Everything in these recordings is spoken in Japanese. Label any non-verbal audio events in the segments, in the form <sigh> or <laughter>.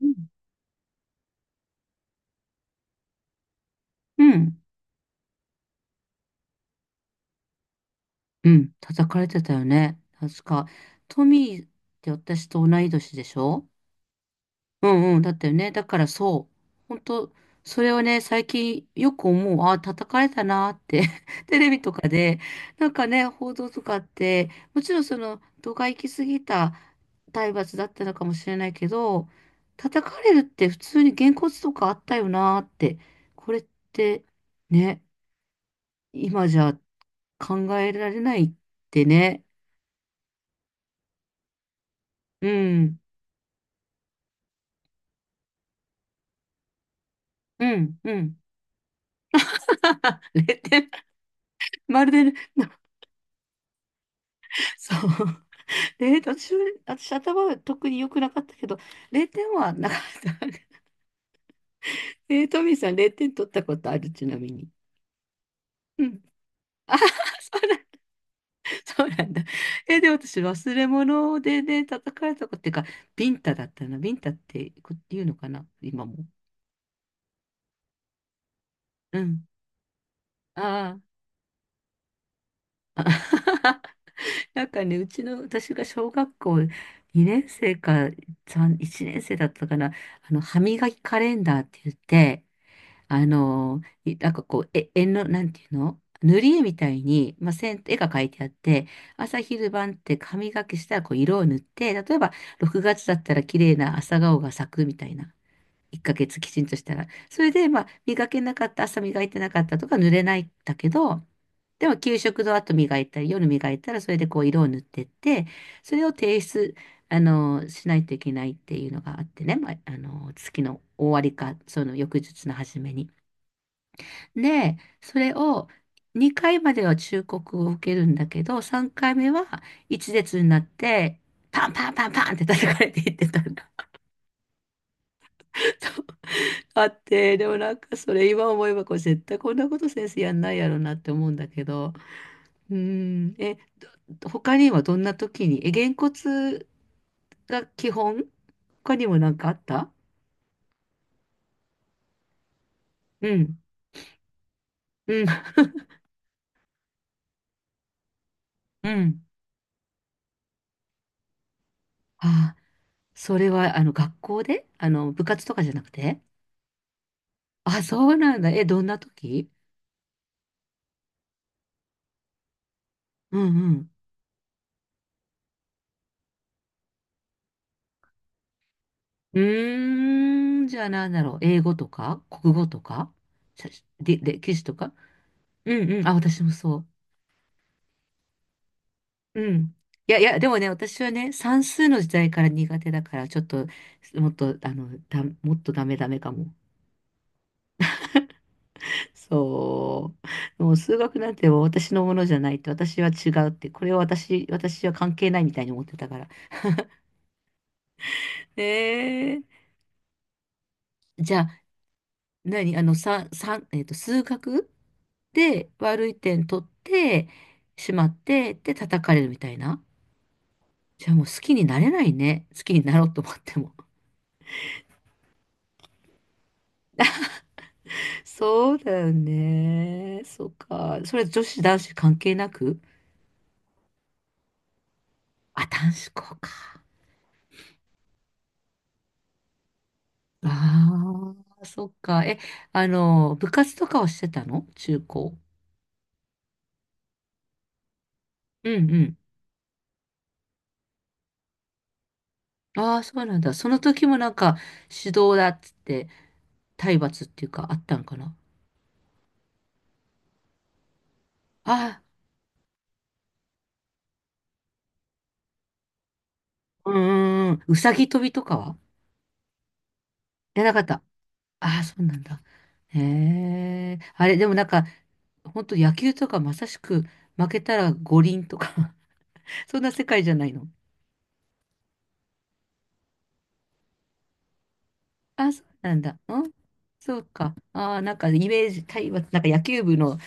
うん、うん、うん、叩かれてたよね。確か。トミーって私と同い年でしょ。うんうん、だったよね。だからそう。本当それをね、最近よく思う。ああ、叩かれたなーって。<laughs> テレビとかで、なんかね、報道とかって、もちろんその、度が行き過ぎた体罰だったのかもしれないけど、叩かれるって普通にげんこつとかあったよなーって。これって、ね、今じゃ考えられないってね。うん、うん、うん。<laughs> 0点、まるで、<laughs> そう。え私私頭は特に良くなかったけど、0点はなかった。トミーさん0点取ったことある、ちなみに。うん。あはは、そうなん、そうなんだ。で、私忘れ物でね、叩かれたことっていうか、ビンタだったな。ビンタって言うのかな、今も。うん。ああ。<laughs> なんかね、うちの、私が小学校2年生か3、1年生だったかな、歯磨きカレンダーって言って、なんかこう、絵の、なんていうの、塗り絵みたいに、まあ、線、絵が描いてあって、朝昼晩って歯磨きしたらこう色を塗って、例えば6月だったら綺麗な朝顔が咲くみたいな。1ヶ月きちんとしたら。それで、まあ、磨けなかった、朝磨いてなかったとか濡れないんだけど、でも給食の後磨いたり、夜磨いたら、それでこう色を塗ってって、それを提出、しないといけないっていうのがあってね、まあ、月の終わりか、その翌日の初めに。で、それを2回までは忠告を受けるんだけど、3回目は一列になって、パンパンパンパンって叩かれていってたの。あって、でもなんかそれ今思えばこれ絶対こんなこと先生やんないやろなって思うんだけど、うん、他にはどんな時に、げんこつが基本、他にもなんかあった？うん、うん、<laughs> うん。あ、それはあの学校であの部活とかじゃなくて？あ、そうなんだ。どんな時？うんうん。うーん、じゃあなんだろう。英語とか国語とか、しゃしで歴史とか。うんうん。あ、私もそう。うん。いやいや、でもね、私はね、算数の時代から苦手だから、ちょっと、もっと、もっとダメダメかも。<laughs> そう。もう数学なんてもう私のものじゃないって、私は違うって、これは私、私は関係ないみたいに思ってたから。えー、じゃあ、何あの、さ、さ、えっと、数学で悪い点取ってしまって、で、叩かれるみたいな。じゃあもう好きになれないね。好きになろうと思っても。そうだよね。そっか。それ女子男子関係なく？あ、男子校か。ああ、そっか。え、あの、部活とかはしてたの中高？うんうん。ああ、そうなんだ。その時もなんか指導だっつって、体罰っていうかあったんかな。ああ、うんうんうん。うさぎ跳びとかは？やらなかった。ああ、そうなんだ。へえ。あれ、でもなんか、本当野球とかまさしく負けたら五輪とか <laughs> そんな世界じゃないの？あ、そうなんだ。うん、そうか。ああ、なんかイメージ、対話、なんか野球部の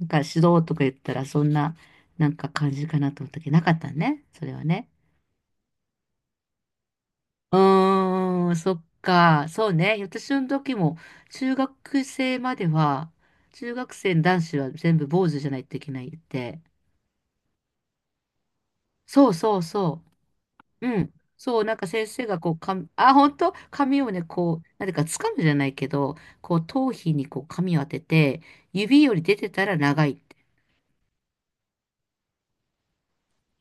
なんか指導とか言ったら、そんな、なんか感じかなと思ったけど、なかったね。それはね。うーん、そっか。そうね。私の時も、中学生までは、中学生の男子は全部坊主じゃないといけないって。そうそうそう。うん。そう、なんか先生がこう、本当髪をね、こう、なんていうか、掴むじゃないけど、こう、頭皮にこう、髪を当てて、指より出てたら長いって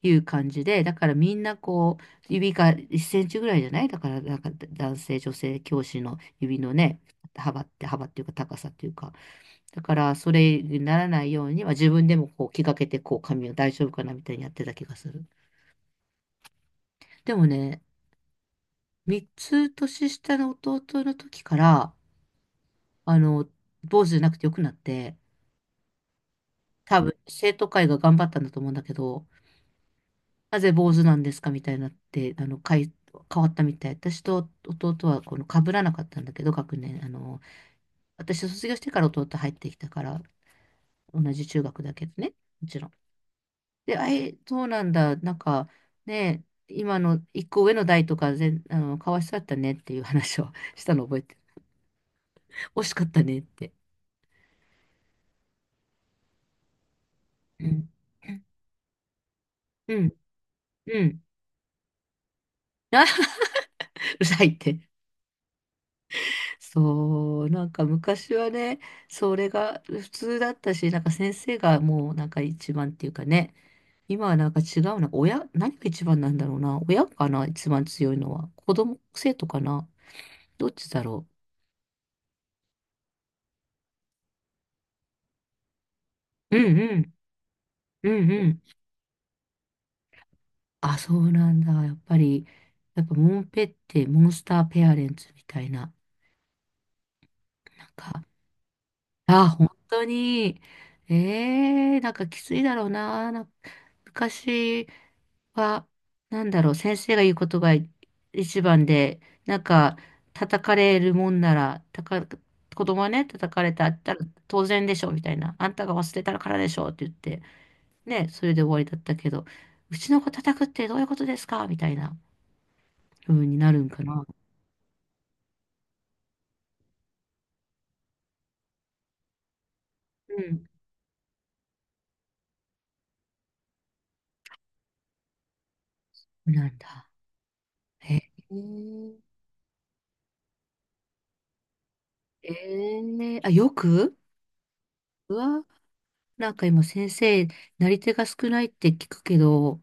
いう感じで、だからみんなこう、指が1センチぐらいじゃない、だから、なんか男性、女性、教師の指のね、幅って、幅っていうか、高さっていうか、だから、それにならないように、まあ、自分でもこう、気がけて、こう、髪を大丈夫かなみたいにやってた気がする。でもね、3つ年下の弟の時から、あの、坊主じゃなくてよくなって、多分生徒会が頑張ったんだと思うんだけど、なぜ坊主なんですかみたいになって、変わったみたい。私と弟はこの被らなかったんだけど、学年。私卒業してから弟入ってきたから、同じ中学だけどね、もちろん。で、そうなんだ、なんかね、今の一個上の代とか全、かわいそうだったねっていう話を <laughs> したの覚えてる。惜しかったねって。うん。うん。うん。あ、<laughs> うるさいって。そう、なんか昔はね、それが普通だったし、なんか先生がもうなんか一番っていうかね、今はなんか違うな、親、何が一番なんだろうな、親かな、一番強いのは、子供、生徒かな、どっちだろう。うんうん、うんうん。あ、そうなんだ、やっぱり、やっぱモンペってモンスターペアレンツみたいな、なんか、あ、本当に、なんかきついだろうな、なんか昔、は、なんだろう、先生が言うことが一番で、なんか、叩かれるもんなら、子供はね、叩かれたったら当然でしょ、みたいな。あんたが忘れたからでしょ、って言って、ね、それで終わりだったけど、うちの子叩くってどういうことですかみたいな風になるんかな。うん。なんだ。へえ。ええあ、よくうわ、なんか今先生、なり手が少ないって聞くけど、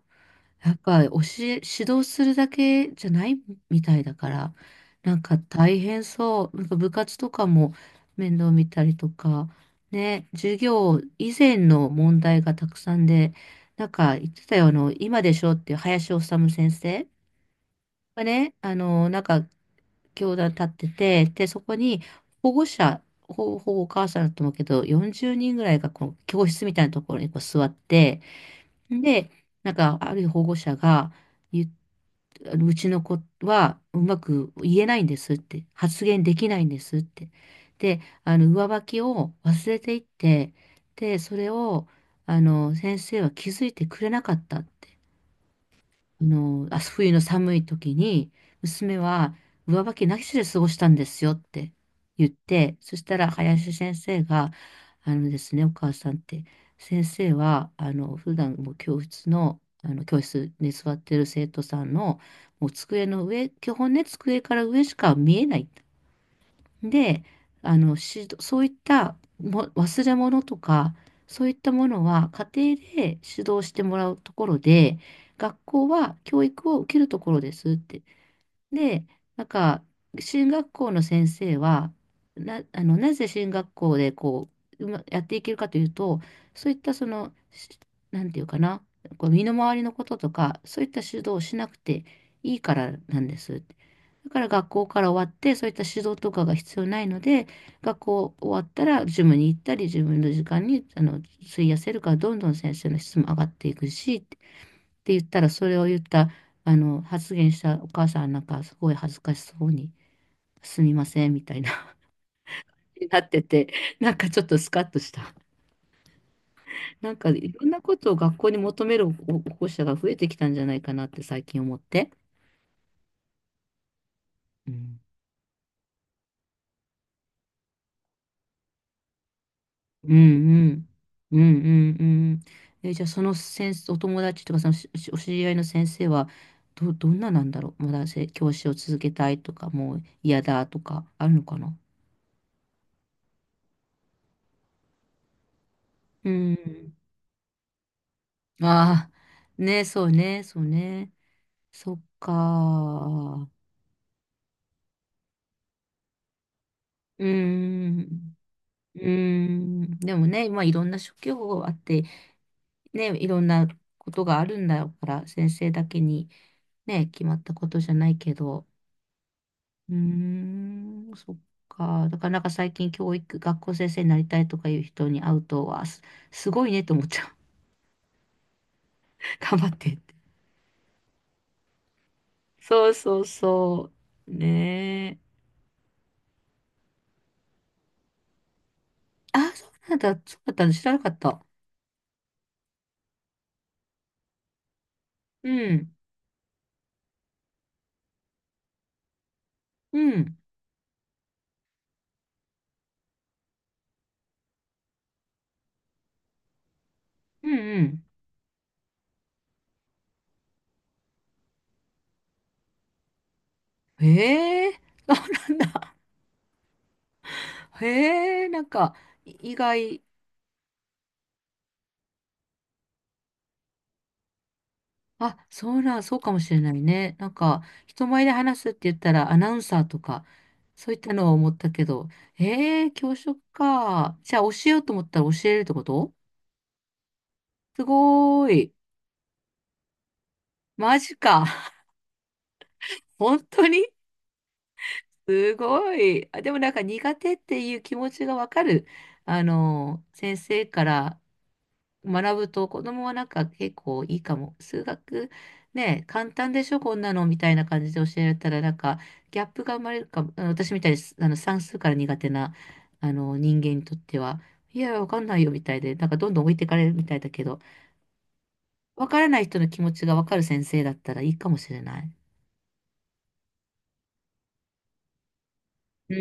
やっぱ教え、指導するだけじゃないみたいだから、なんか大変そう。なんか部活とかも面倒見たりとか、ね、授業以前の問題がたくさんで、なんか言ってたよ、今でしょっていう林修先生がね、なんか教団立ってて、で、そこに保護者、ほぼ、ほぼお母さんだと思うけど、40人ぐらいがこう教室みたいなところにこう座って、で、なんか、ある保護者が言っ、あのうちの子はうまく言えないんですって、発言できないんですって。で、上履きを忘れていって、で、それを、先生は気づいてくれなかったって。冬の寒い時に、娘は上履きなしで過ごしたんですよって言って、そしたら林先生が、あのですね、お母さんって、先生は、普段もう教室の、教室に座ってる生徒さんの、もう机の上、基本ね、机から上しか見えない。で、指導そういったも忘れ物とか、そういったものは家庭で指導してもらうところで、学校は教育を受けるところですって。で、なんか、進学校の先生は、な、あの、なぜ進学校でこう、やっていけるかというと、そういったその、なんていうかな、こう身の回りのこととか、そういった指導をしなくていいからなんです。だから学校から終わって、そういった指導とかが必要ないので、学校終わったらジムに行ったり、自分の時間に、費やせるから、どんどん先生の質も上がっていくし、って言ったら、それを言った、あの、発言したお母さんなんか、すごい恥ずかしそうに、すみません、みたいな、<laughs> になってて、なんかちょっとスカッとした。なんか、いろんなことを学校に求める保護者が増えてきたんじゃないかなって最近思って。うん、うん、うん。うんうんうん、じゃあその先生、お友達とかそのお知り合いの先生は、どんななんだろう、まだ教師を続けたいとかもう嫌だとかあるのかな。うん、ああ、ね、そうね、そうね。そっかー。うーん。うーん。でもね、まあいろんな職業があって、ね、いろんなことがあるんだから、先生だけにね、決まったことじゃないけど。うーん、そっか。だからなんか最近教育、学校先生になりたいとかいう人に会うと、わあ、すごいねと思っちゃう。<laughs> 頑張ってって。そうそうそう。ねえ。あ、そうなんだ。そうだったの知らなかった。うん。うん、うん、うん。へえ、<laughs> そうなんだ。へえ、なんか、意外、あ、そうなん、そうかもしれないね。なんか、人前で話すって言ったら、アナウンサーとか、そういったのを思ったけど、へえ、教職か。じゃあ、教えようと思ったら教えれるってこと？すごーい。マジか。<laughs> 本当にすごい。あ、でもなんか苦手っていう気持ちがわかる。先生から学ぶと子供はなんか結構いいかも。数学ね、簡単でしょ、こんなのみたいな感じで教えられたらなんかギャップが生まれるかも。あの私みたいにあの算数から苦手なあの人間にとっては、いや、わかんないよみたいで、なんかどんどん置いてかれるみたいだけど、わからない人の気持ちがわかる先生だったらいいかもしれない。うー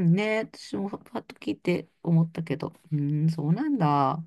ん、ね、私もパッと聞いて思ったけど、うーん、そうなんだ。